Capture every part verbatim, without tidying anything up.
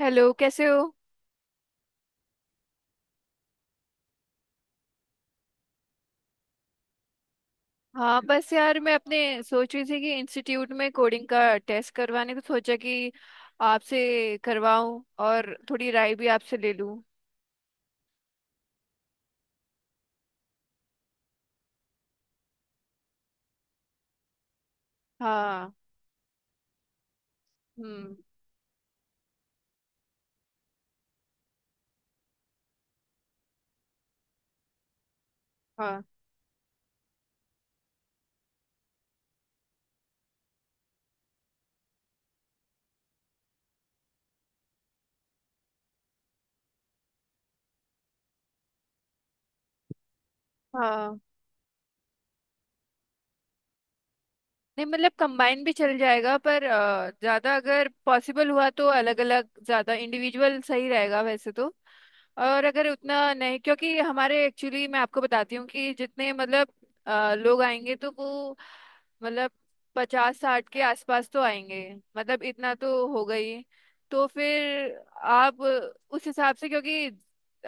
Hello, कैसे हो। हाँ बस यार, मैं अपने सोच रही थी कि इंस्टीट्यूट में कोडिंग का टेस्ट करवाने को सोचा कि आपसे करवाऊं और थोड़ी राय भी आपसे ले लूं। हाँ। हम्म। हाँ। हाँ। नहीं मतलब कंबाइन भी चल जाएगा पर अ, ज्यादा अगर पॉसिबल हुआ तो अलग अलग ज्यादा इंडिविजुअल सही रहेगा वैसे तो। और अगर उतना नहीं, क्योंकि हमारे एक्चुअली मैं आपको बताती हूँ कि जितने मतलब अ, लोग आएंगे तो वो मतलब पचास साठ के आसपास तो आएंगे, मतलब इतना तो होगा ही। तो फिर आप उस हिसाब से, क्योंकि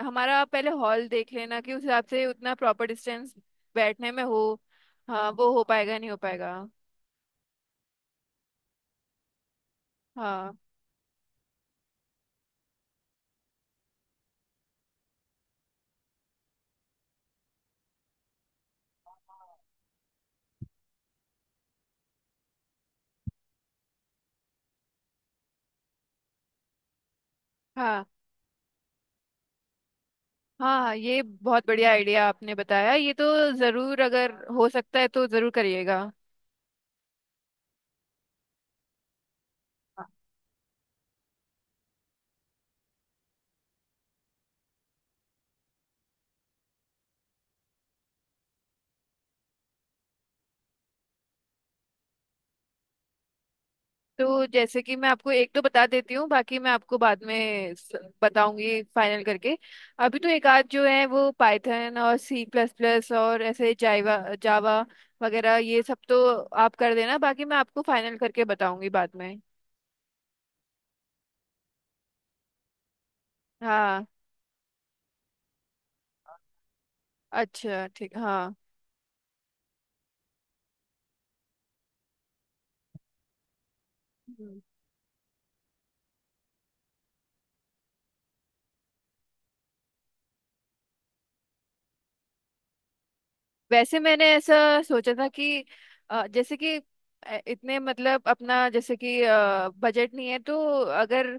हमारा पहले हॉल देख लेना कि उस हिसाब से उतना प्रॉपर डिस्टेंस बैठने में हो। हाँ वो हो पाएगा नहीं हो पाएगा। हाँ। हाँ। हाँ हाँ, ये बहुत बढ़िया आइडिया आपने बताया ये तो। जरूर, अगर हो सकता है तो जरूर करिएगा। तो जैसे कि मैं आपको एक तो बता देती हूँ, बाकी मैं आपको बाद में स- बताऊंगी फाइनल करके। अभी तो एक आध जो है वो पाइथन और सी प्लस प्लस और ऐसे जावा जावा वगैरह ये सब तो आप कर देना, बाकी मैं आपको फाइनल करके बताऊंगी बाद में। हाँ। अच्छा ठीक, हाँ। वैसे मैंने ऐसा सोचा था कि अ, जैसे कि अ, इतने मतलब अपना जैसे कि बजट नहीं है तो, अगर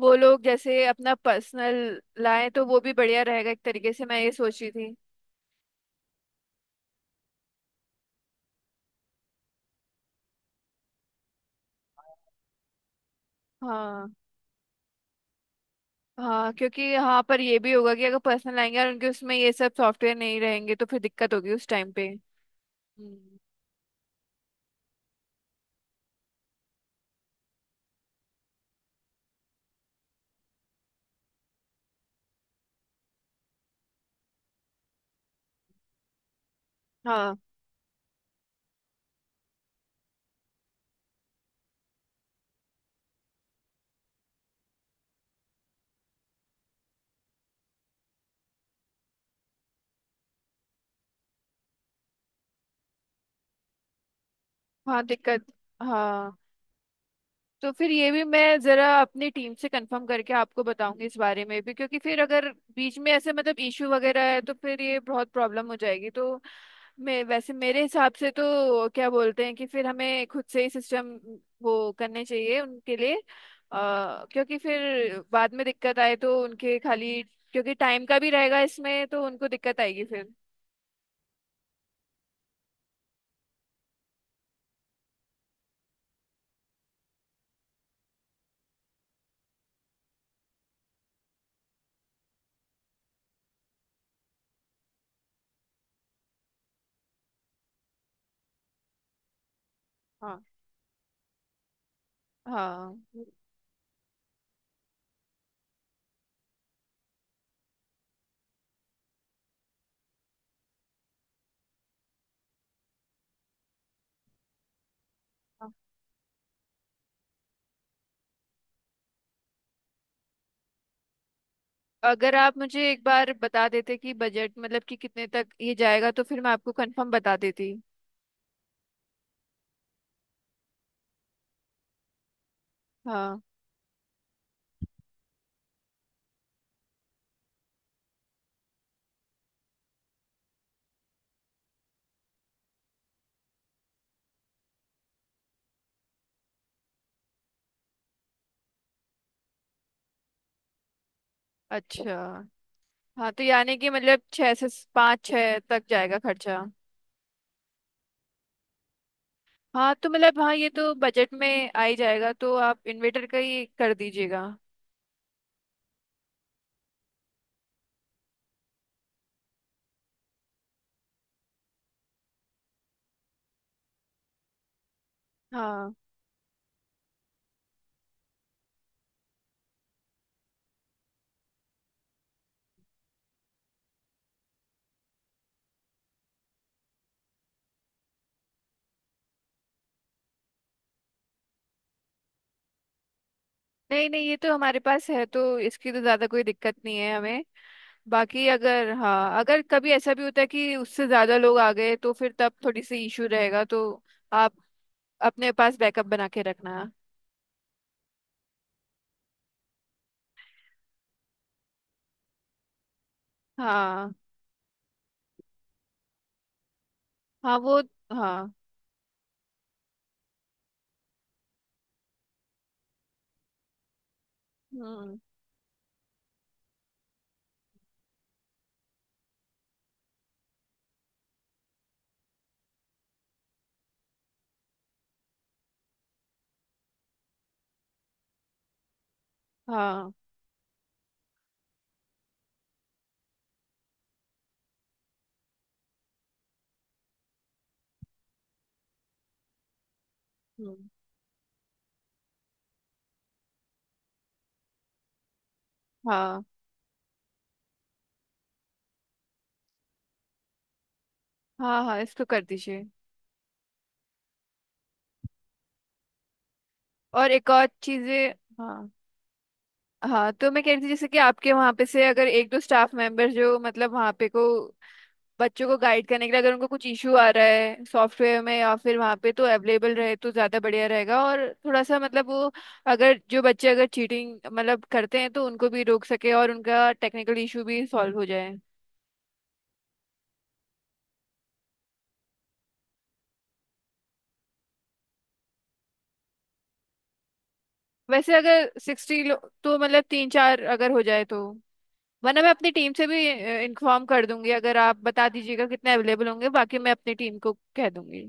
वो लोग जैसे अपना पर्सनल लाए तो वो भी बढ़िया रहेगा, एक तरीके से मैं ये सोची थी। हाँ। हाँ क्योंकि यहाँ पर ये भी होगा कि अगर पर्सनल आएंगे और उनके उसमें ये सब सॉफ्टवेयर नहीं रहेंगे तो फिर दिक्कत होगी उस टाइम पे। हम्म। हाँ हाँ दिक्कत। हाँ तो फिर ये भी मैं जरा अपनी टीम से कंफर्म करके आपको बताऊंगी इस बारे में भी, क्योंकि फिर अगर बीच में ऐसे मतलब इशू वगैरह है तो फिर ये बहुत प्रॉब्लम हो जाएगी। तो मैं, वैसे मेरे हिसाब से तो क्या बोलते हैं कि फिर हमें खुद से ही सिस्टम वो करने चाहिए उनके लिए। आ, क्योंकि फिर बाद में दिक्कत आए तो उनके खाली, क्योंकि टाइम का भी रहेगा इसमें तो उनको दिक्कत आएगी फिर। हाँ। हाँ अगर आप मुझे एक बार बता देते कि बजट मतलब कि कितने तक ये जाएगा तो फिर मैं आपको कंफर्म बता देती। हाँ। अच्छा। हाँ तो यानी कि मतलब छः से पाँच छः तक जाएगा खर्चा। हाँ तो मतलब हाँ, ये तो बजट में आ ही जाएगा, तो आप इन्वेटर का ही कर दीजिएगा। हाँ। नहीं नहीं, ये तो हमारे पास है तो इसकी तो ज़्यादा कोई दिक्कत नहीं है हमें। बाकी अगर, हाँ अगर कभी ऐसा भी होता है कि उससे ज़्यादा लोग आ गए तो फिर तब थोड़ी सी इशू रहेगा, तो आप अपने पास बैकअप बना के रखना। हाँ। हाँ वो। हाँ। हम्म। हाँ। हम्म, हाँ। हाँ हाँ इसको कर दीजिए। और एक और चीजें। हाँ। हाँ तो मैं कह रही थी जैसे कि आपके वहाँ पे से अगर एक दो स्टाफ मेंबर जो मतलब वहाँ पे को बच्चों को गाइड करने के लिए, अगर उनको कुछ इशू आ रहा है सॉफ्टवेयर में या फिर वहाँ पे तो अवेलेबल रहे तो ज़्यादा बढ़िया रहेगा। और थोड़ा सा मतलब वो, अगर जो बच्चे अगर चीटिंग मतलब करते हैं तो उनको भी रोक सके और उनका टेक्निकल इशू भी सॉल्व हो जाए। वैसे अगर सिक्सटी तो मतलब तीन चार अगर हो जाए तो, वरना मैं अपनी टीम से भी इंफॉर्म कर दूंगी। अगर आप बता दीजिएगा कितने अवेलेबल होंगे, बाकी मैं अपनी टीम को कह दूंगी।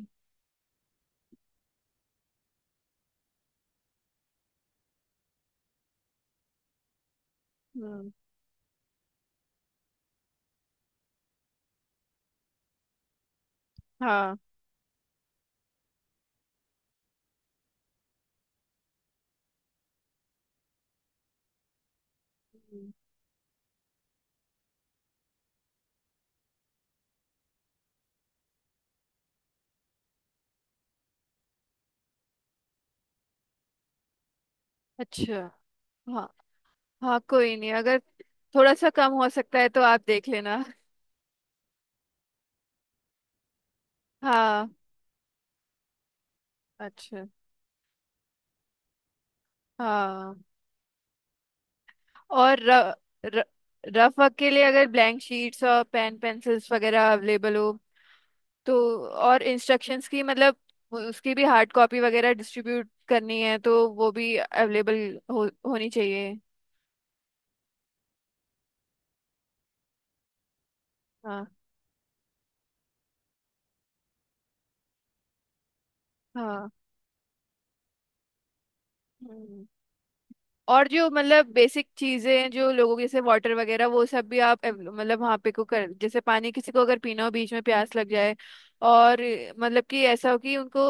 हम्म। हाँ। हम्म, अच्छा। हाँ। हाँ कोई नहीं, अगर थोड़ा सा कम हो सकता है तो आप देख लेना। हाँ। अच्छा। हाँ। और र, र, रफ वर्क के लिए अगर ब्लैंक शीट्स और पेन पेंसिल्स वगैरह अवेलेबल हो तो, और इंस्ट्रक्शंस की मतलब वो- उसकी भी हार्ड कॉपी वगैरह डिस्ट्रीब्यूट करनी है तो वो भी अवेलेबल हो, होनी चाहिए। हाँ। हाँ। हम्म। और जो मतलब बेसिक चीजें हैं जो लोगों की जैसे वाटर वगैरह, वो सब भी आप अवेल- मतलब वहाँ पे को कर, जैसे पानी किसी को अगर पीना हो बीच में प्यास लग जाए, और मतलब कि ऐसा हो कि उनको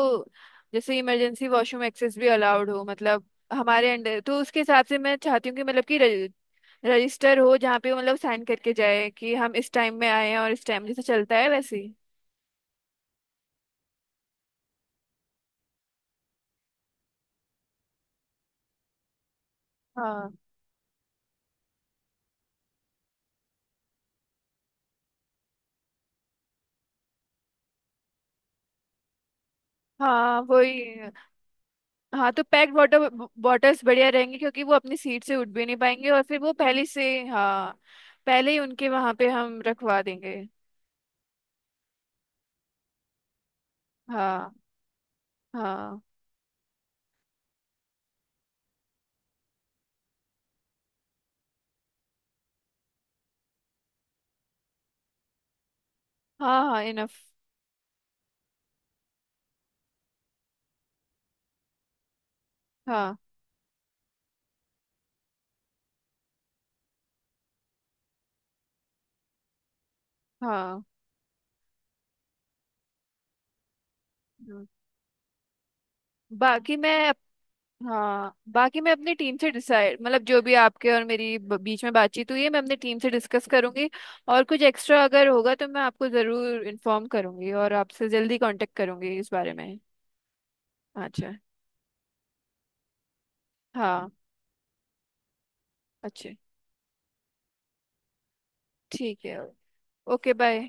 जैसे इमरजेंसी वॉशरूम एक्सेस भी अलाउड हो, मतलब हमारे अंडर। तो उसके हिसाब से मैं चाहती हूँ कि मतलब कि रजिस्टर हो जहाँ पे वो मतलब साइन करके जाए कि हम इस टाइम में आए हैं और इस टाइम, जैसे चलता है वैसे ही। हाँ। हाँ वही। हाँ तो पैक्ड वाटर बॉटल्स बढ़िया रहेंगे क्योंकि वो अपनी सीट से उठ भी नहीं पाएंगे और फिर वो पहले से, हाँ पहले ही उनके वहां पे हम रखवा देंगे। हाँ। हाँ। हाँ हाँ इनफ। हाँ enough। हाँ। हाँ। हम्म। बाकी मैं, हाँ बाकी मैं अपनी टीम से डिसाइड, मतलब जो भी आपके और मेरी ब- बीच में बातचीत हुई है मैं अपनी टीम से डिस्कस करूंगी, और कुछ एक्स्ट्रा अगर होगा तो मैं आपको जरूर इन्फॉर्म करूंगी और आपसे जल्दी कांटेक्ट करूंगी इस बारे में। अच्छा। हाँ। अच्छे। ठीक है। Okay bye.